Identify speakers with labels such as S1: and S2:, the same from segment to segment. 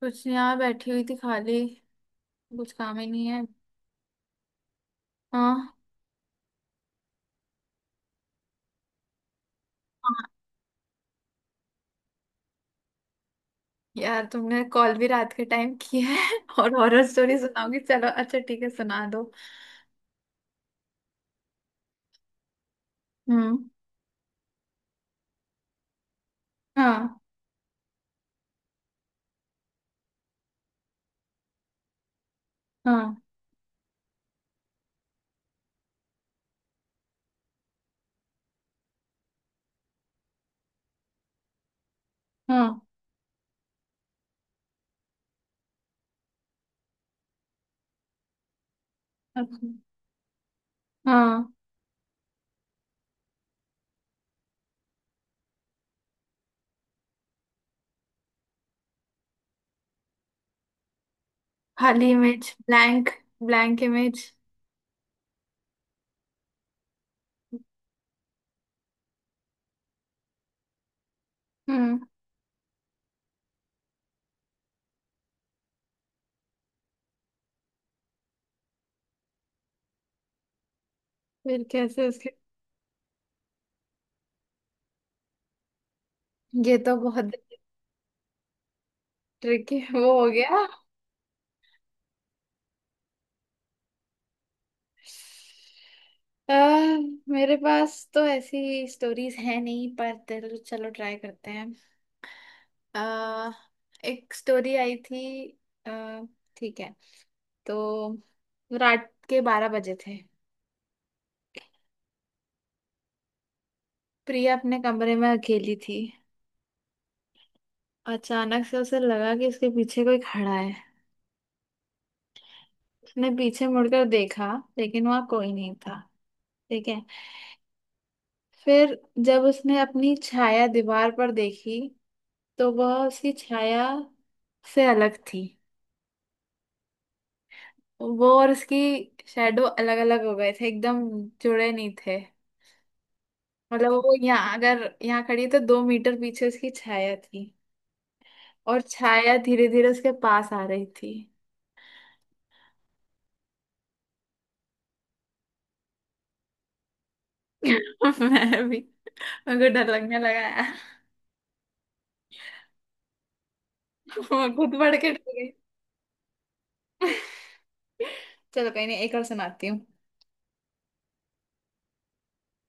S1: कुछ नहीं यार बैठी हुई थी खाली। कुछ काम ही नहीं है। हाँ। यार तुमने कॉल भी रात के टाइम की है। और हॉरर स्टोरी सुनाओगी। चलो अच्छा ठीक है सुना दो। हम्म। हाँ। हाँ। हाँ। अच्छा। हाँ। खाली इमेज ब्लैंक। Blank image. हम्म। फिर कैसे उसके। ये तो बहुत। ट्रिकी वो हो गया। आ, मेरे पास तो ऐसी स्टोरीज है नहीं पर चलो चलो ट्राई करते हैं। आ, एक स्टोरी आई थी। आ, ठीक है। तो रात के 12 बजे थे। प्रिया अपने कमरे में अकेली थी। अचानक से उसे लगा कि उसके पीछे कोई खड़ा है। उसने पीछे मुड़कर देखा लेकिन वहां कोई नहीं था। ठीक है। फिर जब उसने अपनी छाया दीवार पर देखी तो वह उसकी छाया से अलग थी। वो और उसकी शेडो अलग अलग हो गए थे एकदम। जुड़े नहीं थे। मतलब वो यहाँ अगर यहाँ खड़ी है तो 2 मीटर पीछे उसकी छाया थी। और छाया धीरे धीरे उसके पास आ रही थी। मैं भी। मेरे को डर लगने लगा यार। मैं खुद बढ़ के डर गई। चलो कहीं नहीं एक और सुनाती हूँ।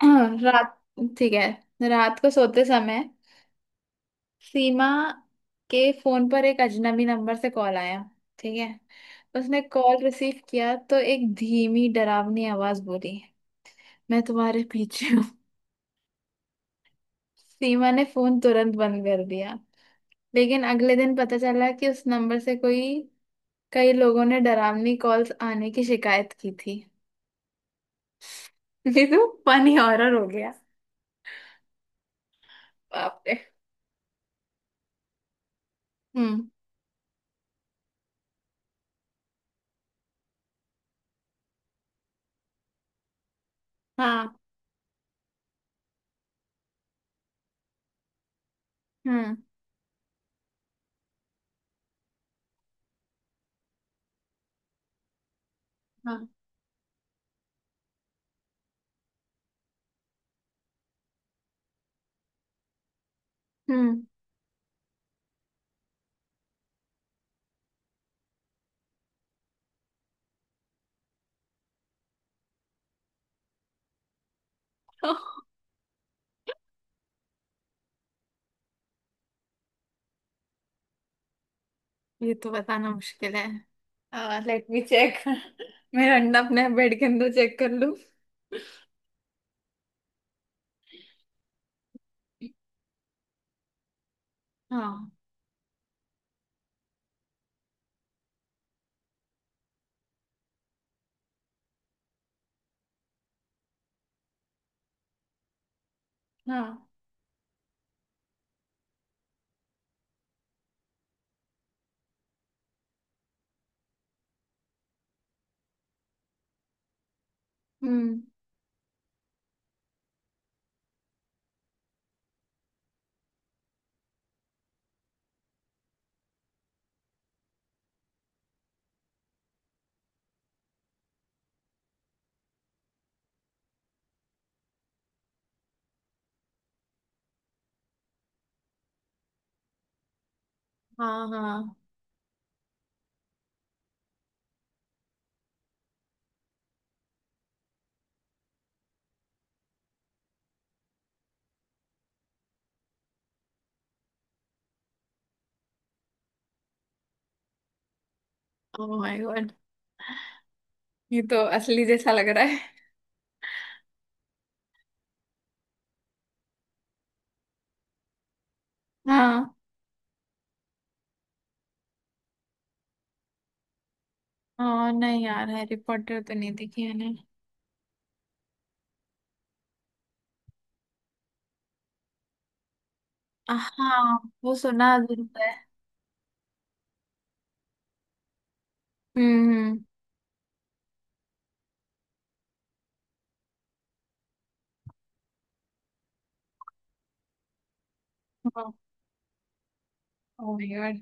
S1: रात। ठीक है, रात को सोते समय सीमा के फोन पर एक अजनबी नंबर से कॉल आया। ठीक है। उसने कॉल रिसीव किया तो एक धीमी डरावनी आवाज बोली, मैं तुम्हारे पीछे हूँ। सीमा ने फोन तुरंत बंद कर दिया। लेकिन अगले दिन पता चला कि उस नंबर से कोई कई लोगों ने डरावनी कॉल्स आने की शिकायत की थी। ये तो फनी हॉरर हो गया। बाप रे। हम्म। हाँ। हम्म। हाँ। हम्म। ये तो बताना मुश्किल है। Let me check. मेरा अंडा अपने बेड के अंदर चेक कर लूं। हाँ। हाँ। हम्म। हाँ। हाँ। Oh my God. ये तो असली जैसा लग रहा है। हाँ। हाँ नहीं यार हैरी पॉटर तो नहीं देखी मैंने। हाँ। वो सुना जरूर है। हम्म। Oh my God.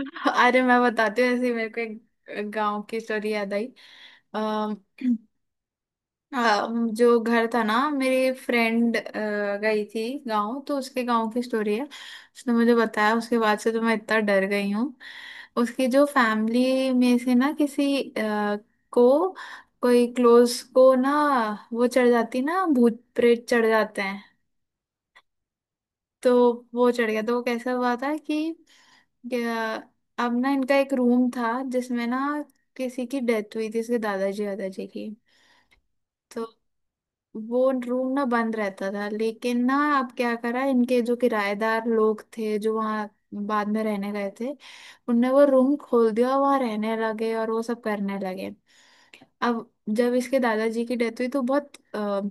S1: अरे मैं बताती हूँ, ऐसे ही मेरे को एक गांव की स्टोरी याद आई। अः हाँ। जो घर था ना मेरी फ्रेंड गई थी गांव तो उसके गांव की स्टोरी है, उसने मुझे बताया। उसके बाद से तो मैं इतना डर गई हूँ। उसकी जो फैमिली में से ना किसी को, कोई क्लोज को ना, वो चढ़ जाती ना भूत प्रेत चढ़ जाते हैं। तो वो चढ़ गया तो वो कैसा हुआ था कि अ, अब ना इनका एक रूम था जिसमें ना किसी की डेथ हुई थी, इसके दादाजी दादाजी की। तो वो रूम ना बंद रहता था लेकिन ना अब क्या करा, इनके जो किराएदार लोग थे जो वहाँ बाद में रहने गए थे, उनने वो रूम खोल दिया, वहाँ रहने लगे और वो सब करने लगे। अब जब इसके दादाजी की डेथ हुई तो बहुत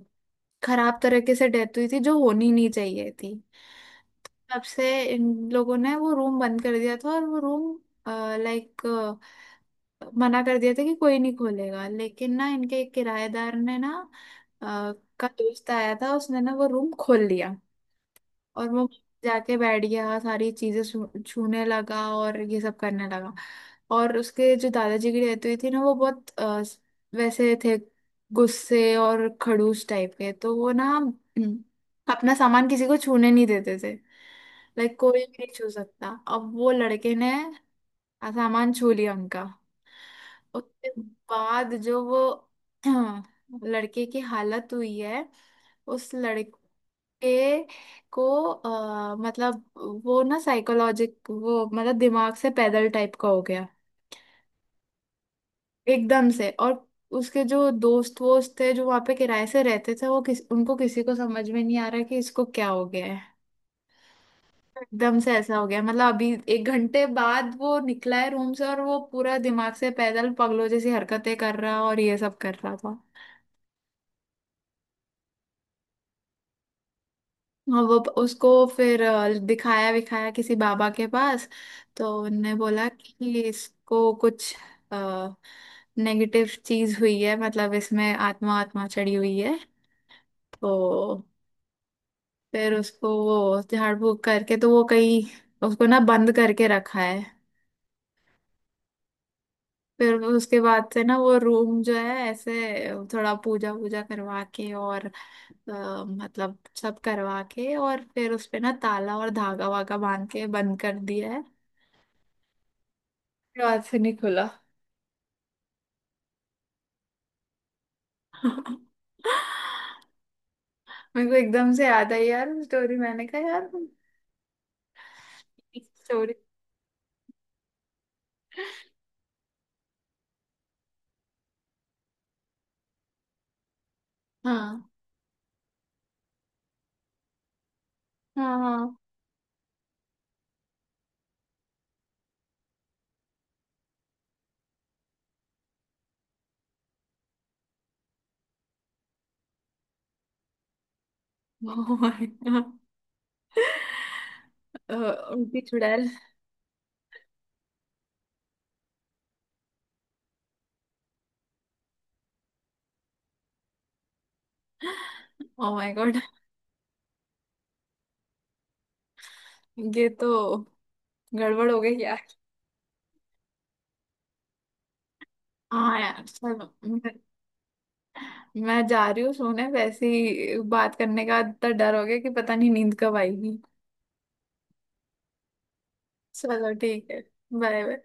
S1: खराब तरीके से डेथ हुई थी, जो होनी नहीं चाहिए थी। तब से इन लोगों ने वो रूम बंद कर दिया था और वो रूम लाइक मना कर दिया था कि कोई नहीं खोलेगा। लेकिन ना इनके एक किराएदार ने ना अ, का दोस्त आया था, उसने ना वो रूम खोल लिया। और वो जाके बैठ गया, सारी चीजें छूने लगा और ये सब करने लगा। और उसके जो दादाजी की डेथ हुई थी ना वो बहुत वैसे थे, गुस्से और खड़ूस टाइप के। तो वो ना अपना सामान किसी को छूने नहीं देते थे। लाइक कोई भी नहीं छू सकता। अब वो लड़के ने सामान छू लिया उनका। उसके बाद जो वो लड़के की हालत हुई है, उस लड़के ए को मतलब, वो ना साइकोलॉजिक वो मतलब दिमाग से पैदल टाइप का हो गया एकदम से। और उसके जो दोस्त वोस्त थे जो वहां पे किराए से रहते थे, वो किस उनको किसी को समझ में नहीं आ रहा कि इसको क्या हो गया है। एकदम से ऐसा हो गया, मतलब अभी 1 घंटे बाद वो निकला है रूम से और वो पूरा दिमाग से पैदल पागलों जैसी हरकतें कर रहा और ये सब कर रहा था। हाँ, वो उसको फिर दिखाया विखाया किसी बाबा के पास तो उनने बोला कि इसको कुछ नेगेटिव चीज हुई है, मतलब इसमें आत्मा आत्मा चढ़ी हुई है। तो फिर उसको वो झाड़ फूक करके तो वो कहीं उसको ना बंद करके रखा है। फिर वो उसके बाद से ना वो रूम जो है ऐसे थोड़ा पूजा वूजा करवा के और मतलब सब करवा के और फिर उस पे ना ताला और धागा वागा बांध के बंद कर दिया है। बाद से नहीं खुला। मेरे को एकदम से याद आई यार वो स्टोरी। मैंने कहा यार स्टोरी। हाँ। हाँ। हाँ। Oh my God. उल्टी चुड़ैल। Oh my God. ये तो गड़बड़ हो गई यार। हाँ यार। चलो, मैं जा रही हूँ सोने। वैसे ही बात करने का इतना डर हो गया कि पता नहीं नींद कब आएगी। चलो ठीक है। Bye bye.